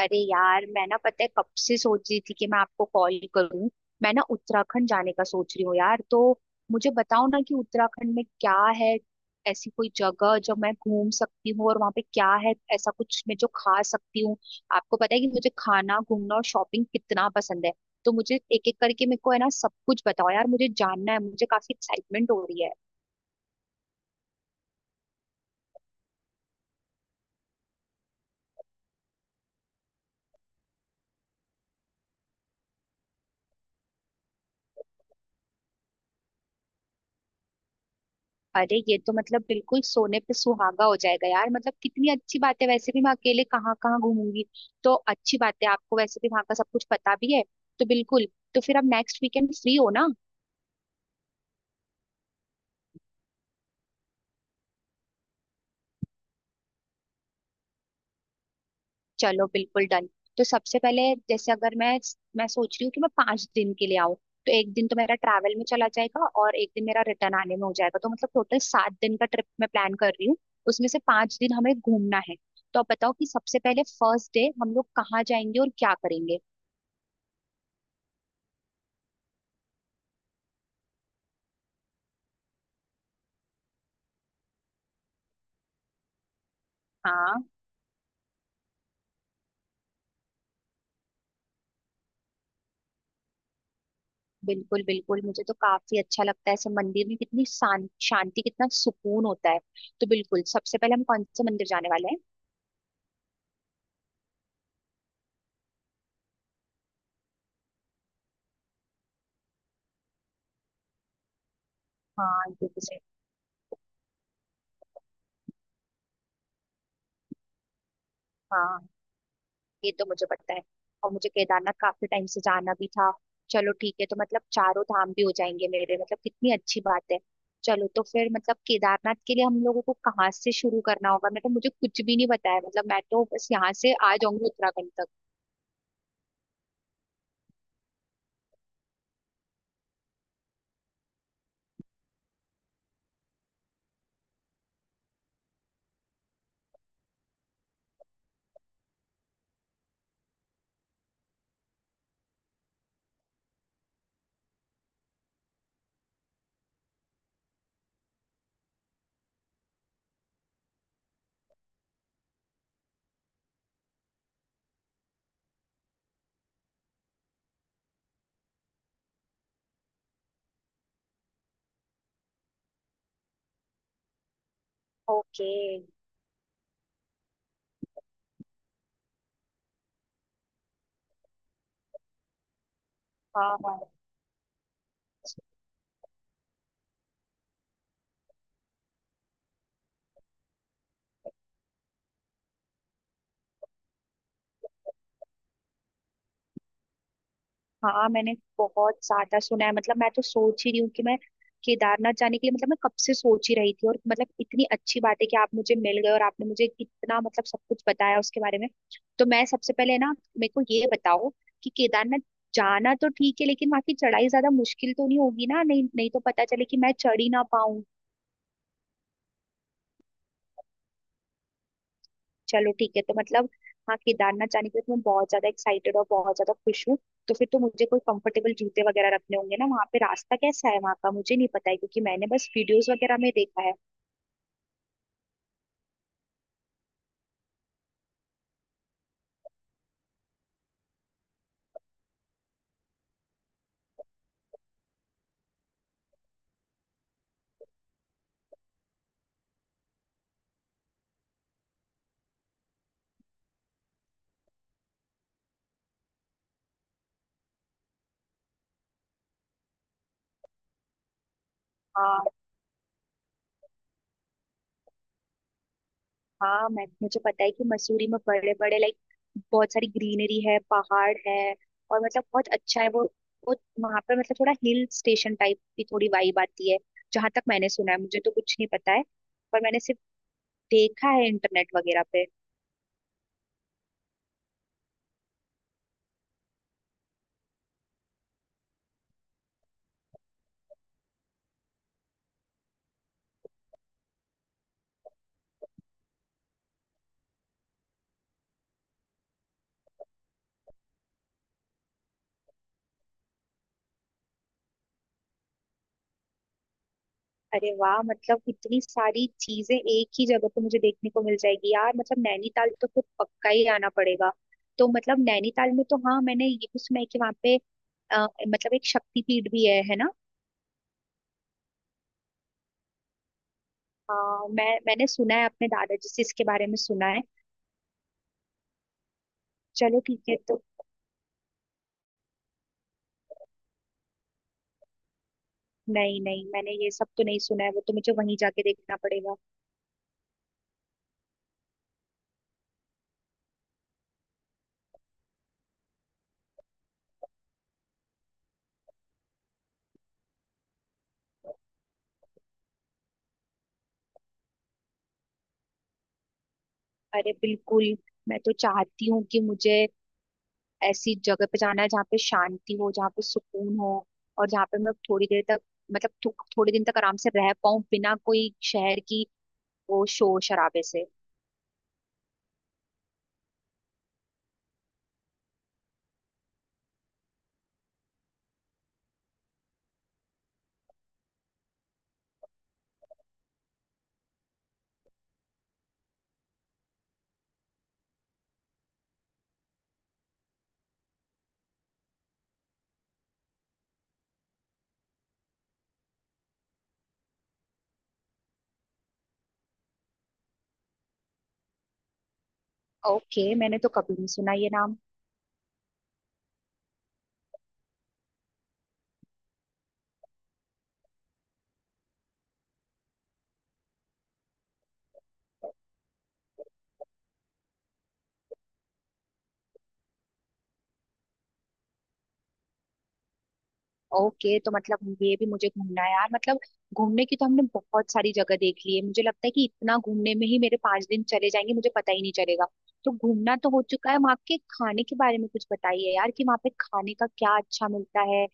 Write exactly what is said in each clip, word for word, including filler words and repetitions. अरे यार, मैं ना पता है कब से सोच रही थी कि मैं आपको कॉल करूं। मैं ना उत्तराखंड जाने का सोच रही हूँ यार। तो मुझे बताओ ना कि उत्तराखंड में क्या है। ऐसी कोई जगह जो मैं घूम सकती हूँ, और वहाँ पे क्या है ऐसा कुछ मैं जो खा सकती हूँ। आपको पता है कि मुझे खाना, घूमना और शॉपिंग कितना पसंद है। तो मुझे एक एक करके मेरे को है ना सब कुछ बताओ यार। मुझे जानना है, मुझे काफी एक्साइटमेंट हो रही है। अरे ये तो मतलब बिल्कुल सोने पे सुहागा हो जाएगा यार। मतलब कितनी अच्छी बात है। वैसे भी मैं अकेले कहाँ कहाँ घूमूंगी। तो अच्छी बात है, आपको वैसे भी वहां का सब कुछ पता भी है। तो बिल्कुल। तो फिर आप नेक्स्ट वीकेंड फ्री हो ना? चलो, बिल्कुल डन। तो सबसे पहले जैसे, अगर मैं मैं सोच रही हूँ कि मैं पांच दिन के लिए आऊँ। तो एक दिन तो मेरा ट्रैवल में चला जाएगा और एक दिन मेरा रिटर्न आने में हो जाएगा। तो मतलब टोटल सात दिन का ट्रिप मैं प्लान कर रही हूँ। उसमें से पांच दिन हमें घूमना है। तो आप बताओ कि सबसे पहले फर्स्ट डे हम लोग कहाँ जाएंगे और क्या करेंगे। हाँ, बिल्कुल बिल्कुल मुझे तो काफी अच्छा लगता है ऐसे मंदिर में। कितनी शां, शांति, कितना सुकून होता है। तो बिल्कुल, सबसे पहले हम कौन से मंदिर जाने वाले हैं? हाँ। ये तो से हाँ, ये तो मुझे पता है। और मुझे केदारनाथ काफी टाइम से जाना भी था। चलो ठीक है, तो मतलब चारों धाम भी हो जाएंगे मेरे। मतलब कितनी अच्छी बात है। चलो, तो फिर मतलब केदारनाथ के लिए हम लोगों को कहाँ से शुरू करना होगा? मैं तो, मुझे कुछ भी नहीं पता है। मतलब मैं तो बस यहाँ से आ जाऊंगी उत्तराखंड तक। ओके। हाँ हाँ। हाँ, मैंने बहुत ज्यादा सुना है। मतलब मैं तो सोच ही रही हूँ कि मैं केदारनाथ जाने के लिए, मतलब मैं कब से सोच ही रही थी। और मतलब इतनी अच्छी बात है कि आप मुझे मिल गए, और आपने मुझे इतना मतलब सब कुछ बताया उसके बारे में। तो मैं सबसे पहले ना मेरे को ये बताओ कि केदारनाथ जाना तो ठीक है, लेकिन वहां की चढ़ाई ज्यादा मुश्किल तो नहीं होगी ना? नहीं नहीं तो पता चले कि मैं चढ़ ही ना। चलो ठीक है तो मतलब, हाँ, केदारनाथ जाने के लिए तो मैं बहुत ज्यादा एक्साइटेड और बहुत ज्यादा खुश हूँ। तो फिर तो मुझे कोई कंफर्टेबल जूते वगैरह रखने होंगे ना? वहाँ पे रास्ता कैसा है वहाँ का मुझे नहीं पता है, क्योंकि मैंने बस वीडियोस वगैरह में देखा है। हाँ। हाँ मैं मुझे पता है कि मसूरी में बड़े बड़े, लाइक, बहुत सारी ग्रीनरी है, पहाड़ है। और मतलब बहुत अच्छा है वो। वो वहाँ पर मतलब थोड़ा हिल स्टेशन टाइप की थोड़ी वाइब आती है, जहां तक मैंने सुना है। मुझे तो कुछ नहीं पता है, पर मैंने सिर्फ देखा है इंटरनेट वगैरह पे। अरे वाह! मतलब इतनी सारी चीजें एक ही जगह पे मुझे देखने को मिल जाएगी यार। मतलब नैनीताल तो फिर पक्का ही आना पड़ेगा। तो मतलब नैनीताल में तो, हाँ, मैंने ये भी सुना है कि वहाँ पे अ, मतलब एक शक्तिपीठ भी है है ना? हाँ, मैं मैंने सुना है, अपने दादाजी से इसके बारे में सुना है। चलो ठीक है तो। नहीं नहीं, मैंने ये सब तो नहीं सुना है, वो तो मुझे वहीं जाके देखना पड़ेगा। अरे, बिल्कुल। मैं तो चाहती हूँ कि मुझे ऐसी जगह पे जाना है जहाँ पे शांति हो, जहाँ पे सुकून हो। और जहाँ पे मैं थोड़ी देर तक, मतलब थो, थोड़ी दिन तक आराम से रह पाऊँ, बिना कोई शहर की वो शोर शराबे से। ओके, मैंने तो कभी नहीं सुना ये नाम। ओके, तो मतलब ये भी मुझे घूमना है यार। मतलब घूमने की तो हमने बहुत सारी जगह देख ली है। मुझे लगता है कि इतना घूमने में ही मेरे पांच दिन चले जाएंगे, मुझे पता ही नहीं चलेगा। तो घूमना तो हो चुका है, वहाँ के खाने के बारे में कुछ बताइए यार कि वहाँ पे खाने का क्या अच्छा मिलता है।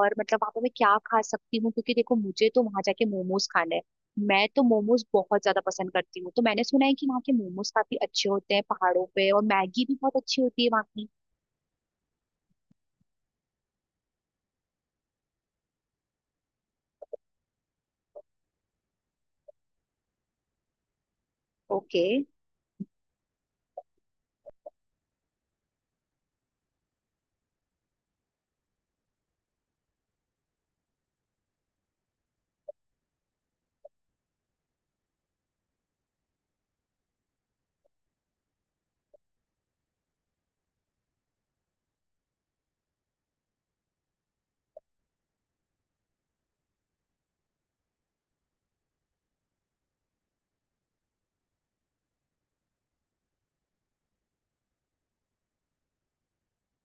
और मतलब वहाँ पे मैं क्या खा सकती हूँ? क्योंकि देखो, मुझे तो वहाँ जाके मोमोज खाना है। मैं तो मोमोज बहुत ज्यादा पसंद करती हूँ। तो मैंने सुना है कि वहाँ के मोमोज काफी अच्छे होते हैं पहाड़ों पे, और मैगी भी बहुत अच्छी होती है वहाँ की। ओके।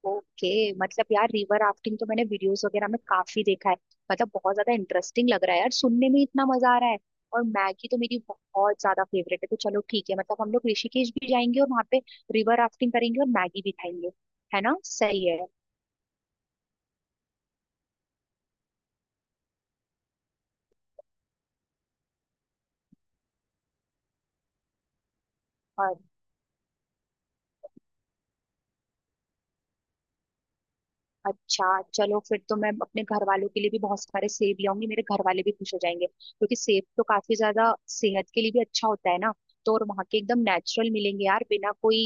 ओके, मतलब यार रिवर राफ्टिंग तो मैंने वीडियोस वगैरह में काफी देखा है। मतलब बहुत ज्यादा इंटरेस्टिंग लग रहा है यार, सुनने में इतना मजा आ रहा है। और मैगी तो मेरी बहुत ज्यादा फेवरेट है। तो चलो ठीक है, मतलब हम लोग ऋषिकेश भी जाएंगे और वहां पे रिवर राफ्टिंग करेंगे और मैगी भी खाएंगे। है ना, सही है? और, अच्छा, चलो फिर तो मैं अपने घर वालों के लिए भी बहुत सारे सेब लाऊंगी, मेरे घर वाले भी खुश हो जाएंगे। क्योंकि सेब तो काफी ज्यादा सेहत के लिए भी अच्छा होता है ना। तो और वहां के एकदम नेचुरल मिलेंगे यार, बिना कोई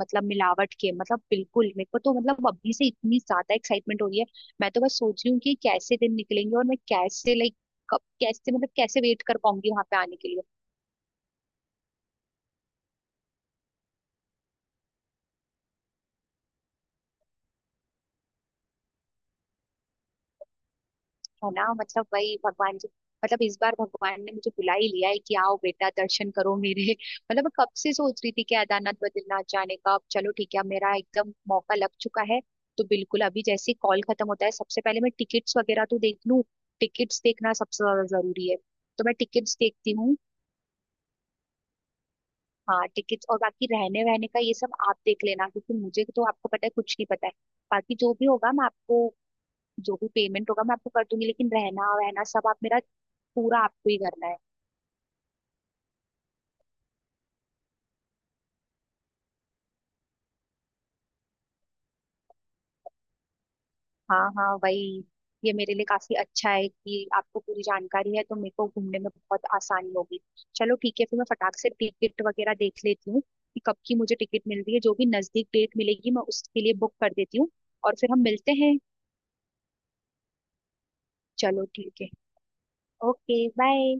मतलब मिलावट के। मतलब बिल्कुल, मेरे को तो मतलब अभी से इतनी ज्यादा एक्साइटमेंट हो रही है। मैं तो बस सोच रही हूँ कि कैसे दिन निकलेंगे, और मैं कैसे, लाइक, कब कैसे, मतलब कैसे वेट कर पाऊंगी वहां पे आने के लिए। है ना? मतलब वही भगवान जी। मतलब इस बार भगवान ने मुझे बुला ही लिया है कि आओ बेटा दर्शन करो मेरे। मतलब मैं कब से सोच रही थी कि केदारनाथ बद्रीनाथ जाने का, अब चलो ठीक है, अब मेरा एकदम मौका लग चुका है। तो बिल्कुल, अभी जैसे कॉल खत्म होता है सबसे पहले मैं टिकट्स वगैरह तो देख लूं। टिकट्स देखना सबसे ज्यादा जरूरी है। तो मैं टिकट्स देखती हूँ। हाँ, टिकट्स और बाकी रहने वहने का ये सब आप देख लेना, क्योंकि मुझे तो, आपको पता है, कुछ नहीं पता है। बाकी जो भी होगा मैं आपको, जो भी पेमेंट होगा मैं आपको कर दूंगी, लेकिन रहना वहना सब आप, मेरा पूरा आपको ही करना है। हाँ हाँ, वही। ये मेरे लिए काफी अच्छा है कि आपको पूरी जानकारी है, तो मेरे को घूमने में बहुत आसानी होगी। चलो ठीक है, फिर मैं फटाक से टिकट वगैरह देख लेती हूँ कि कब की मुझे टिकट मिल रही है। जो भी नजदीक डेट मिलेगी मैं उसके लिए बुक कर देती हूँ, और फिर हम मिलते हैं। चलो ठीक है। Okay, bye.